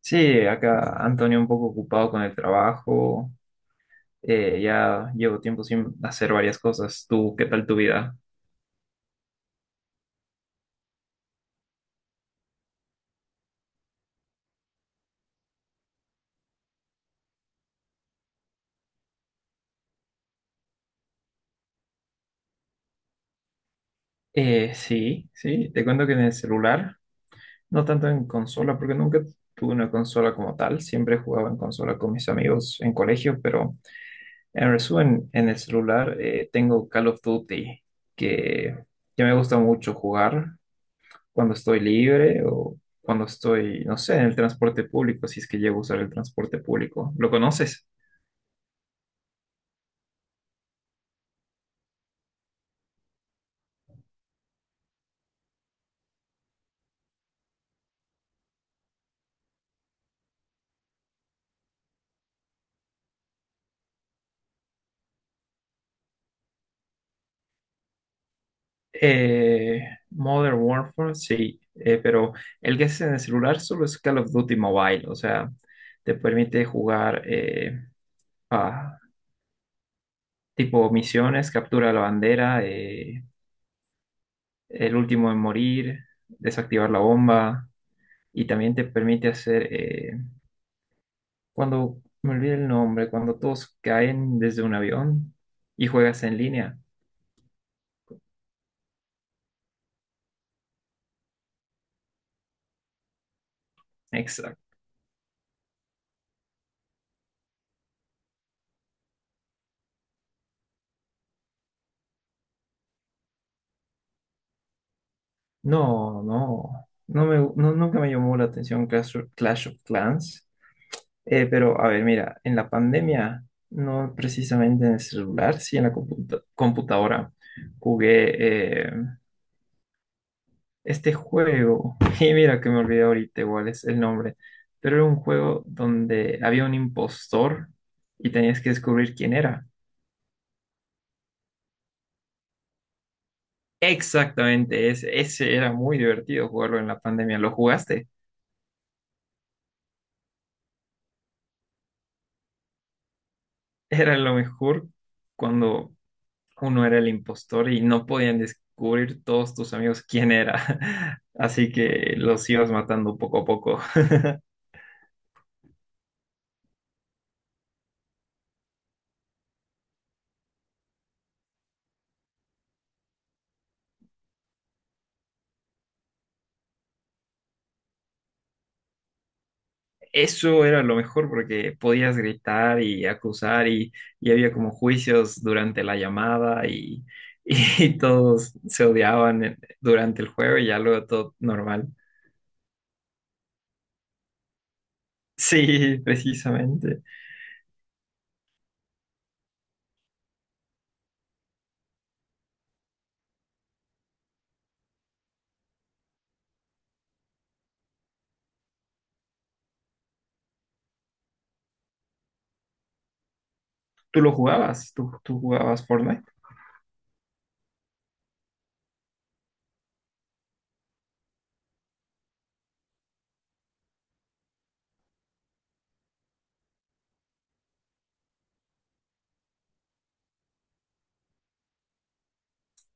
Sí, acá Antonio un poco ocupado con el trabajo. Ya llevo tiempo sin hacer varias cosas. ¿Tú qué tal tu vida? Sí, sí, te cuento que en el celular, no tanto en consola, porque nunca tuve una consola como tal. Siempre jugaba en consola con mis amigos en colegio, pero en resumen, en el celular tengo Call of Duty, que, que me gusta mucho jugar cuando estoy libre o cuando estoy, no sé, en el transporte público, si es que llego a usar el transporte público. ¿Lo conoces? Eh, Modern Warfare, sí, pero el que es en el celular solo es Call of Duty Mobile, o sea, te permite jugar a tipo misiones, captura la bandera, el último en morir, desactivar la bomba, y también te permite hacer, cuando me olvidé el nombre, cuando todos caen desde un avión y juegas en línea. Exacto. No, no, nunca me llamó la atención Clash of Clans. Pero a ver, mira, en la pandemia, no precisamente en el celular, sí en la computadora, jugué este juego. Y mira que me olvidé ahorita igual es el nombre, pero era un juego donde había un impostor y tenías que descubrir quién era. Exactamente, ese era muy divertido jugarlo en la pandemia. ¿Lo jugaste? Era lo mejor cuando uno era el impostor y no podían descubrir todos tus amigos quién era. Así que los ibas matando poco a poco. Eso era lo mejor porque podías gritar y acusar y había como juicios durante la llamada y todos se odiaban durante el juego y ya luego todo normal. Sí, precisamente. ¿Tú lo jugabas? ¿Tú jugabas Fortnite?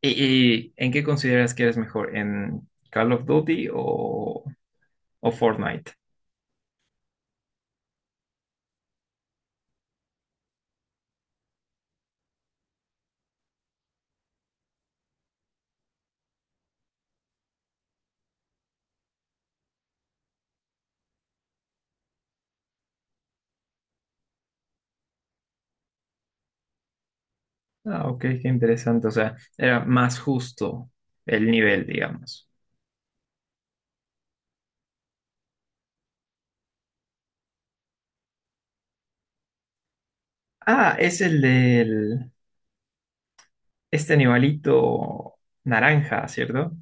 ¿y en qué consideras que eres mejor? ¿En Call of Duty o Fortnite? Ah, ok, qué interesante. O sea, era más justo el nivel, digamos. Ah, es el del... Este animalito naranja, ¿cierto?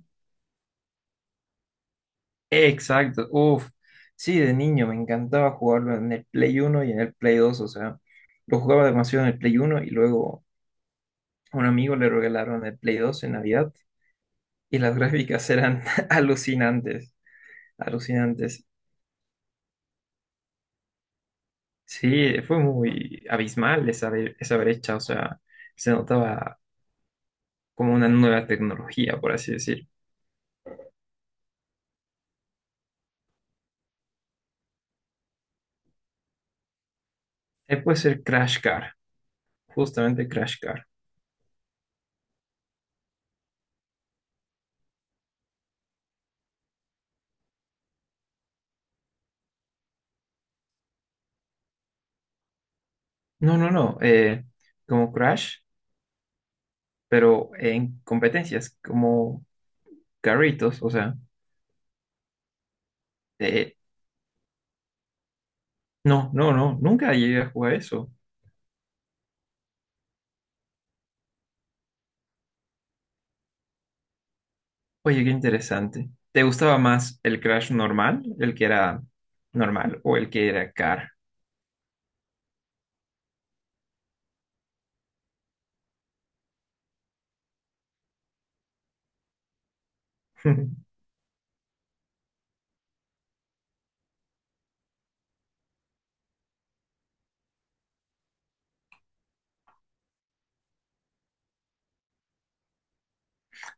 Exacto. Uf. Sí, de niño me encantaba jugarlo en el Play Uno y en el Play Dos. O sea, lo jugaba demasiado en el Play Uno y luego a un amigo le regalaron el Play Dos en Navidad y las gráficas eran alucinantes, alucinantes. Sí, fue muy abismal esa brecha. O sea, se notaba como una nueva tecnología, por así decir. Puede ser Crash Car, justamente Crash Car. No, no, no, como Crash, pero en competencias, como carritos, o sea, eh, no, no, no, nunca llegué a jugar eso. Oye, qué interesante. ¿Te gustaba más el Crash normal, el que era normal, o el que era car?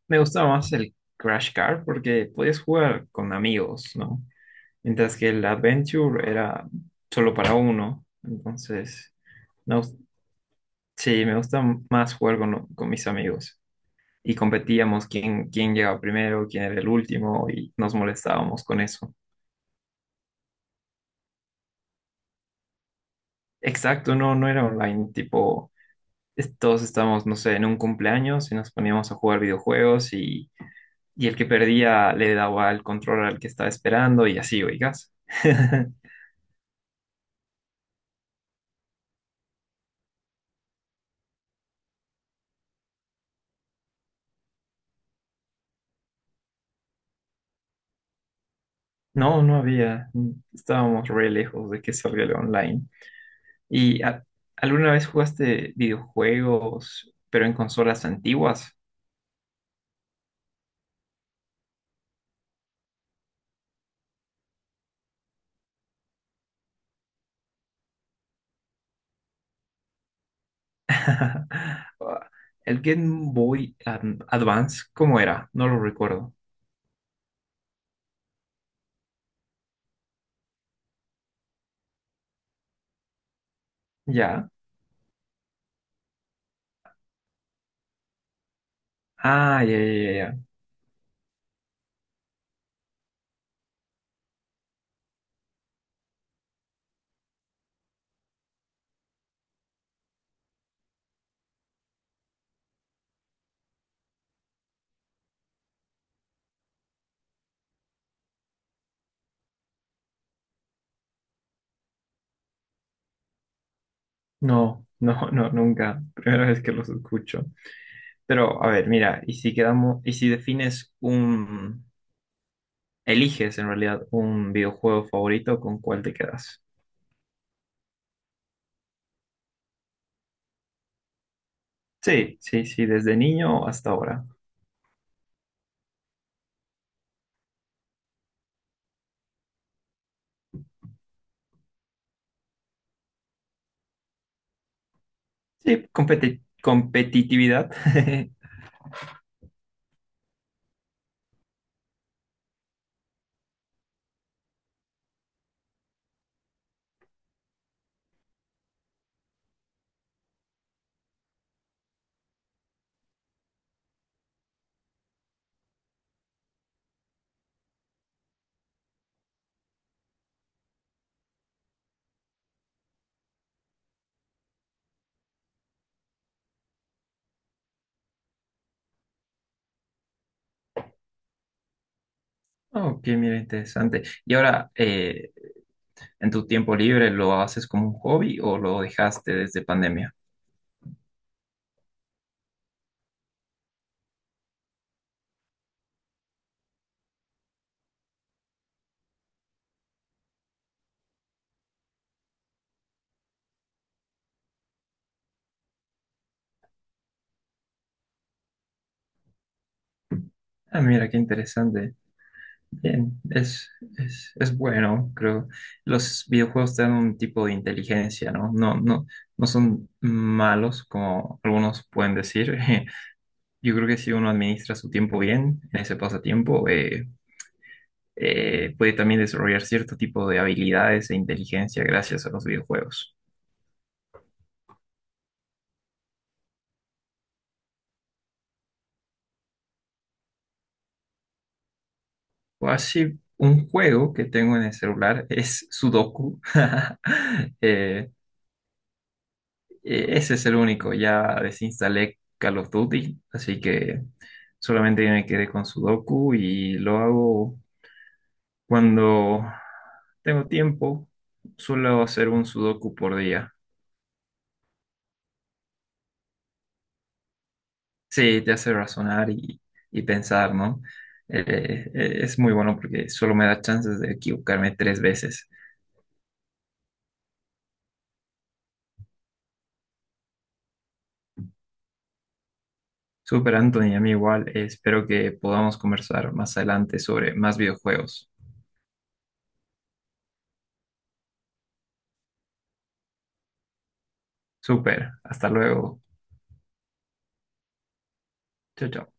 Me gustaba más el Crash Car porque podías jugar con amigos, ¿no? Mientras que el Adventure era solo para uno. Entonces, no, sí, me gusta más jugar con mis amigos. Y competíamos quién, quién llegaba primero, quién era el último, y nos molestábamos con eso. Exacto, no, no era online, tipo, todos estábamos, no sé, en un cumpleaños y nos poníamos a jugar videojuegos y el que perdía le daba el control al que estaba esperando y así, oigas. No, no había, estábamos re lejos de que salga el online. ¿Y a- ¿Alguna vez jugaste videojuegos, pero en consolas antiguas? El Game Boy Advance, ¿cómo era? No lo recuerdo. ¿Ya? Ah, ya, ya, ya. Ya. No, no, no, nunca. Primera vez que los escucho. Pero, a ver, mira, y si quedamos, y si defines un, eliges en realidad un videojuego favorito, ¿con cuál te quedas? Sí, sí, sí, desde niño hasta ahora. Sí, competitividad. Ok, mira, interesante. Y ahora, ¿en tu tiempo libre lo haces como un hobby o lo dejaste desde pandemia? Ah, mira, qué interesante. Bien, es bueno, creo. Los videojuegos te dan un tipo de inteligencia, ¿no? No, no, no son malos, como algunos pueden decir. Yo creo que si uno administra su tiempo bien, en ese pasatiempo, puede también desarrollar cierto tipo de habilidades e inteligencia gracias a los videojuegos. O así, un juego que tengo en el celular es Sudoku. Eh, Ese es el único. Ya desinstalé Call of Duty, así que solamente me quedé con Sudoku y lo hago cuando tengo tiempo. Suelo hacer un Sudoku por día. Sí, te hace razonar y pensar, ¿no? Es muy bueno porque solo me da chances de equivocarme tres veces. Super Anthony, a mí igual. Espero que podamos conversar más adelante sobre más videojuegos. Super, hasta luego. Chao, chao.